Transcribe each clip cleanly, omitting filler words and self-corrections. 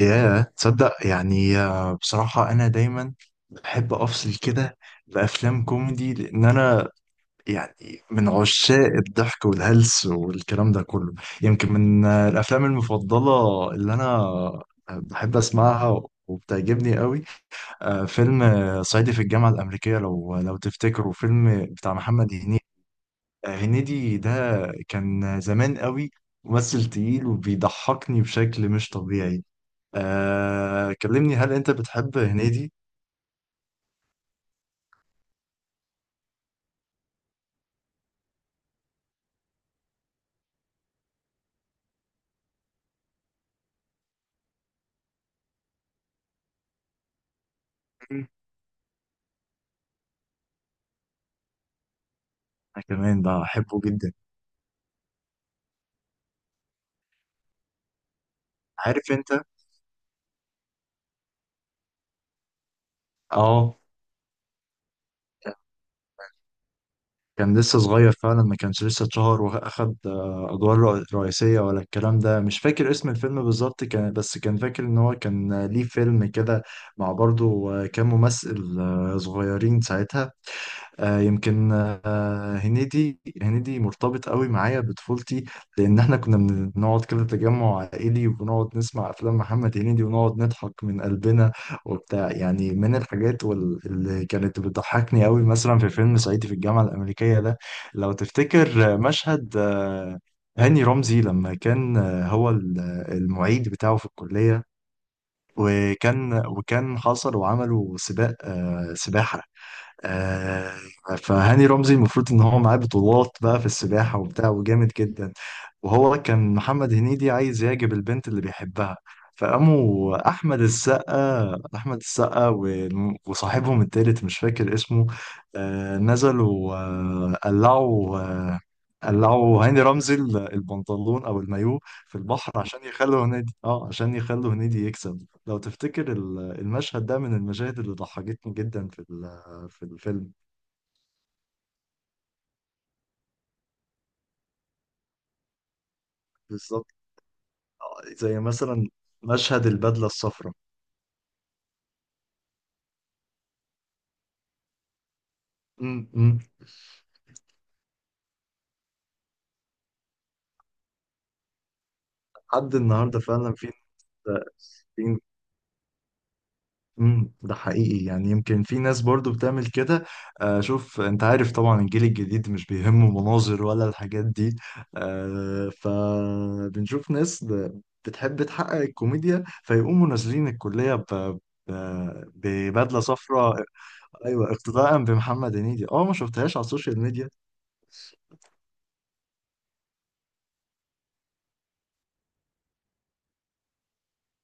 ياه، تصدق يعني بصراحة أنا دايما بحب أفصل كده بأفلام كوميدي، لأن أنا يعني من عشاق الضحك والهلس والكلام ده كله. يمكن من الأفلام المفضلة اللي أنا بحب أسمعها وبتعجبني قوي فيلم صعيدي في الجامعة الأمريكية، لو تفتكروا، فيلم بتاع محمد هنيدي. هنيدي ده كان زمان قوي ممثل تقيل وبيضحكني بشكل مش طبيعي. كلمني، هل انت بتحب هنيدي؟ مم. انا كمان بحبه جدا. عارف انت. اه. كان لسه صغير فعلا، ما كانش لسه اتشهر واخد ادوار رئيسية ولا الكلام ده. مش فاكر اسم الفيلم بالظبط، كان بس كان فاكر ان هو كان ليه فيلم كده مع برضه كام ممثل صغيرين ساعتها. يمكن هنيدي مرتبط قوي معايا بطفولتي، لان احنا كنا بنقعد كده تجمع عائلي وبنقعد نسمع افلام محمد هنيدي ونقعد نضحك من قلبنا وبتاع. يعني من الحاجات اللي كانت بتضحكني قوي، مثلا في فيلم صعيدي في الجامعة الأمريكية ده، لو تفتكر مشهد هاني رمزي لما كان هو المعيد بتاعه في الكلية. وكان حصل وعملوا سباق سباحة. آه فهاني رمزي المفروض ان هو معاه بطولات بقى في السباحة وبتاع وجامد جدا، وهو كان محمد هنيدي عايز يعجب البنت اللي بيحبها. فقاموا أحمد السقا وصاحبهم التالت مش فاكر اسمه نزلوا قلعوا قلعوا هاني رمزي البنطلون أو المايوه في البحر عشان يخلوا هنيدي، اه، عشان يخلوا هنيدي يكسب. لو تفتكر المشهد ده من المشاهد اللي ضحكتني جدا في في الفيلم. بالظبط. زي مثلا مشهد البدلة الصفراء. م- م. لحد النهارده فعلا في في- ده حقيقي، يعني يمكن في ناس برضو بتعمل كده. آه، شوف، انت عارف طبعا الجيل الجديد مش بيهمه مناظر ولا الحاجات دي. آه، فبنشوف ناس بتحب تحقق الكوميديا فيقوموا نازلين الكلية ببدلة صفراء. ايوه، اقتداء بمحمد هنيدي. اه، ما شفتهاش على السوشيال ميديا.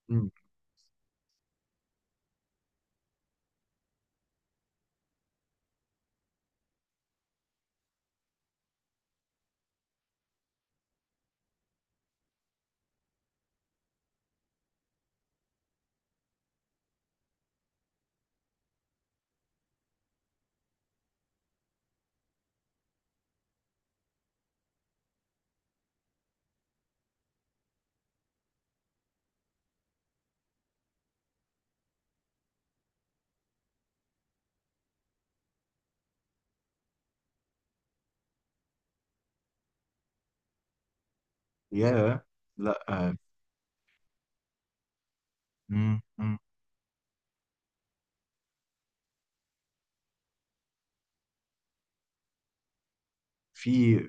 مم. ياه. لا. آه. في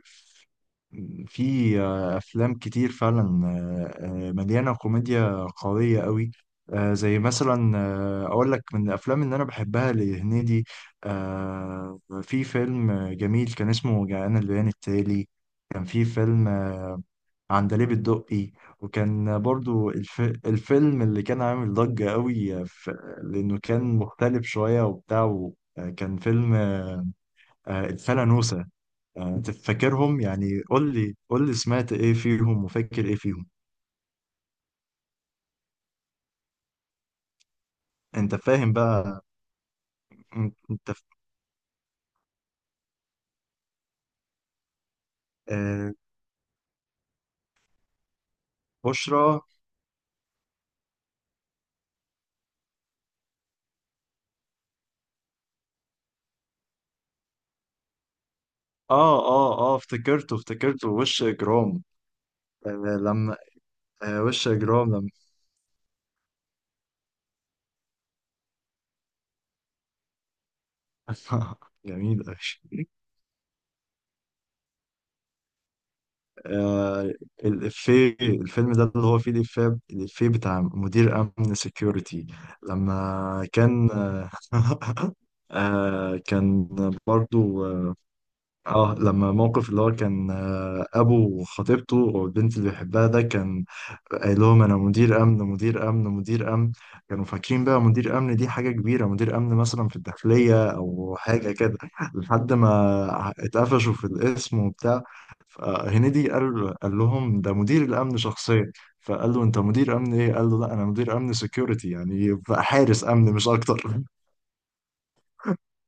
افلام كتير فعلا مليانه كوميديا قويه قوي. زي مثلا اقول لك من الافلام اللي انا بحبها لهنيدي، في فيلم جميل كان اسمه جاءنا البيان التالي. كان في فيلم عندليب الدقي، وكان برضو الفيلم اللي كان عامل ضجة قوي، لأنه كان مختلف شوية وبتاع. وكان فيلم الفلانوسة. تفكرهم يعني؟ قول لي، سمعت ايه فيهم وفاكر ايه فيهم؟ انت فاهم بقى. انت انت ف- آه، بشرى. اه، افتكرته، افتكرته، وش اجرام. آه، لما. آه، وش اجرام لما جميل أوي. آه، الإفيه، الفيلم ده اللي هو فيه الإفيه، الإفيه بتاع مدير أمن سيكيورتي. لما كان آه، كان برضو اه لما موقف اللي هو كان ابو خطيبته والبنت اللي بيحبها ده، كان قايل لهم انا مدير امن، مدير امن، مدير امن. كانوا فاكرين بقى مدير امن دي حاجه كبيره، مدير امن مثلا في الداخليه او حاجه كده، لحد ما اتقفشوا في الاسم وبتاع. فهنيدي قال لهم ده مدير الامن شخصيا. فقال له، انت مدير امن ايه؟ قال له، لا انا مدير امن سكيورتي، يعني بقى حارس امن مش اكتر.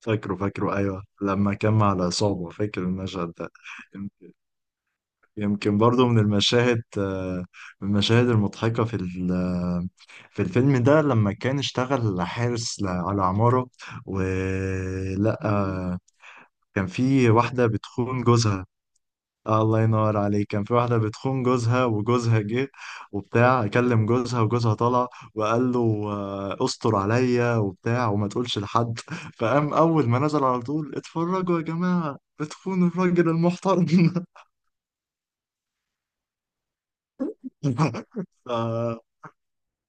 فاكره، فاكره، أيوه، لما كان مع العصابة، فاكر المشهد ده. يم- يمكن برضو من المشاهد من المشاهد المضحكة في في الفيلم ده لما كان اشتغل حارس على عمارة، ولقى كان في واحدة بتخون جوزها. آه، الله ينور عليك، كان في واحدة بتخون جوزها وجوزها جه وبتاع. كلم جوزها وجوزها طلع وقال له استر عليا وبتاع وما تقولش لحد. فقام أول ما نزل على طول، اتفرجوا يا جماعة بتخون الراجل المحترم. ف-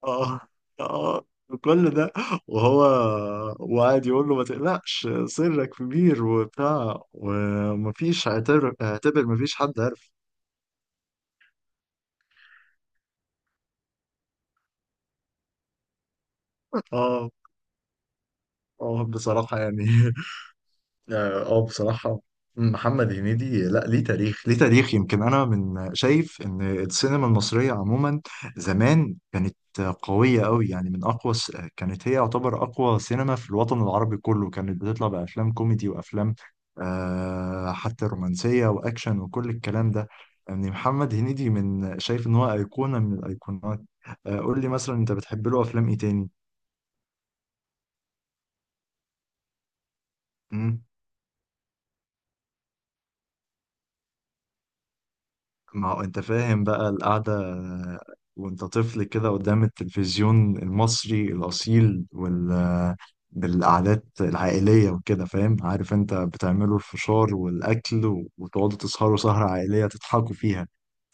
آه آه كل ده وهو وقعد يقول له ما تقلقش سرك كبير وبتاع، ومفيش، اعتبر، اعتبر مفيش حد عارف. اه، اه، بصراحة يعني اه، بصراحة محمد هنيدي، لا، ليه تاريخ، ليه تاريخ. يمكن انا من شايف ان السينما المصرية عموما زمان كانت قوية قوي. يعني من كانت هي يعتبر اقوى سينما في الوطن العربي كله، كانت بتطلع بافلام كوميدي وافلام حتى رومانسية واكشن وكل الكلام ده. يعني محمد هنيدي من شايف ان هو ايقونة من الايقونات. آه، قول لي مثلا انت بتحب له افلام ايه تاني؟ ما هو انت فاهم بقى القعدة وانت طفل كده قدام التلفزيون المصري الأصيل وال بالقعدات العائلية وكده، فاهم، عارف انت بتعملوا الفشار والأكل وتقعدوا تسهروا سهرة عائلية تضحكوا فيها.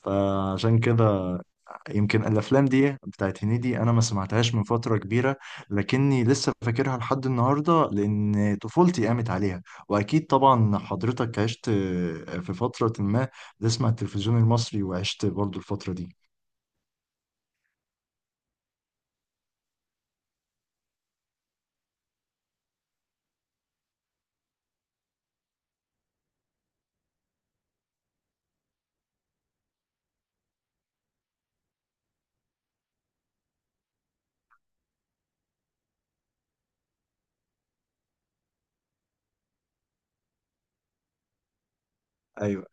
فعشان كده يمكن الافلام دي بتاعت هنيدي، انا ما سمعتهاش من فتره كبيره، لكني لسه فاكرها لحد النهارده لان طفولتي قامت عليها. واكيد طبعا حضرتك عشت في فتره ما بتسمع التلفزيون المصري، وعشت برضو الفتره دي. ايوه،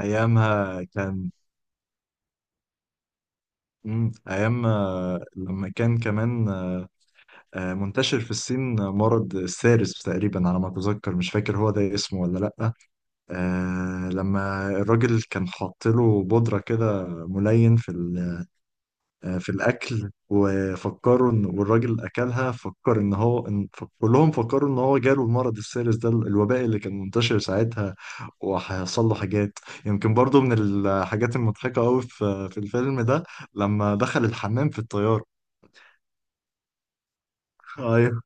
ايامها كان. مم. ايام لما كان كمان منتشر في الصين مرض السارس تقريبا على ما اتذكر، مش فاكر هو ده اسمه ولا لا. آه، لما الراجل كان حاط له بودرة كده ملين في في الأكل، وفكروا إن والراجل أكلها، فكر إن هو إن كلهم فكروا إن هو جاله المرض السيرس ده، الوباء اللي كان منتشر ساعتها، وهيحصل له حاجات. يمكن برضو من الحاجات المضحكة أوي في الفيلم ده لما دخل الحمام في الطيارة. أيوه.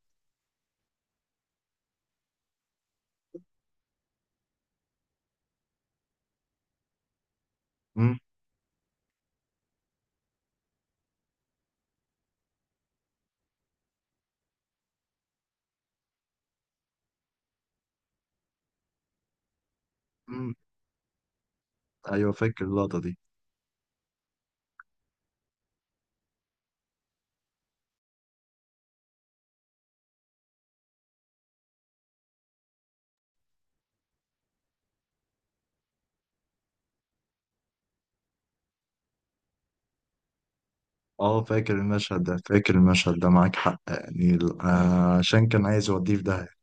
أمم. أمم. أيوه فاكر اللقطة دي. اه فاكر المشهد ده، فاكر المشهد ده، معاك حق. يعني عشان كان عايز يوديه في داهية.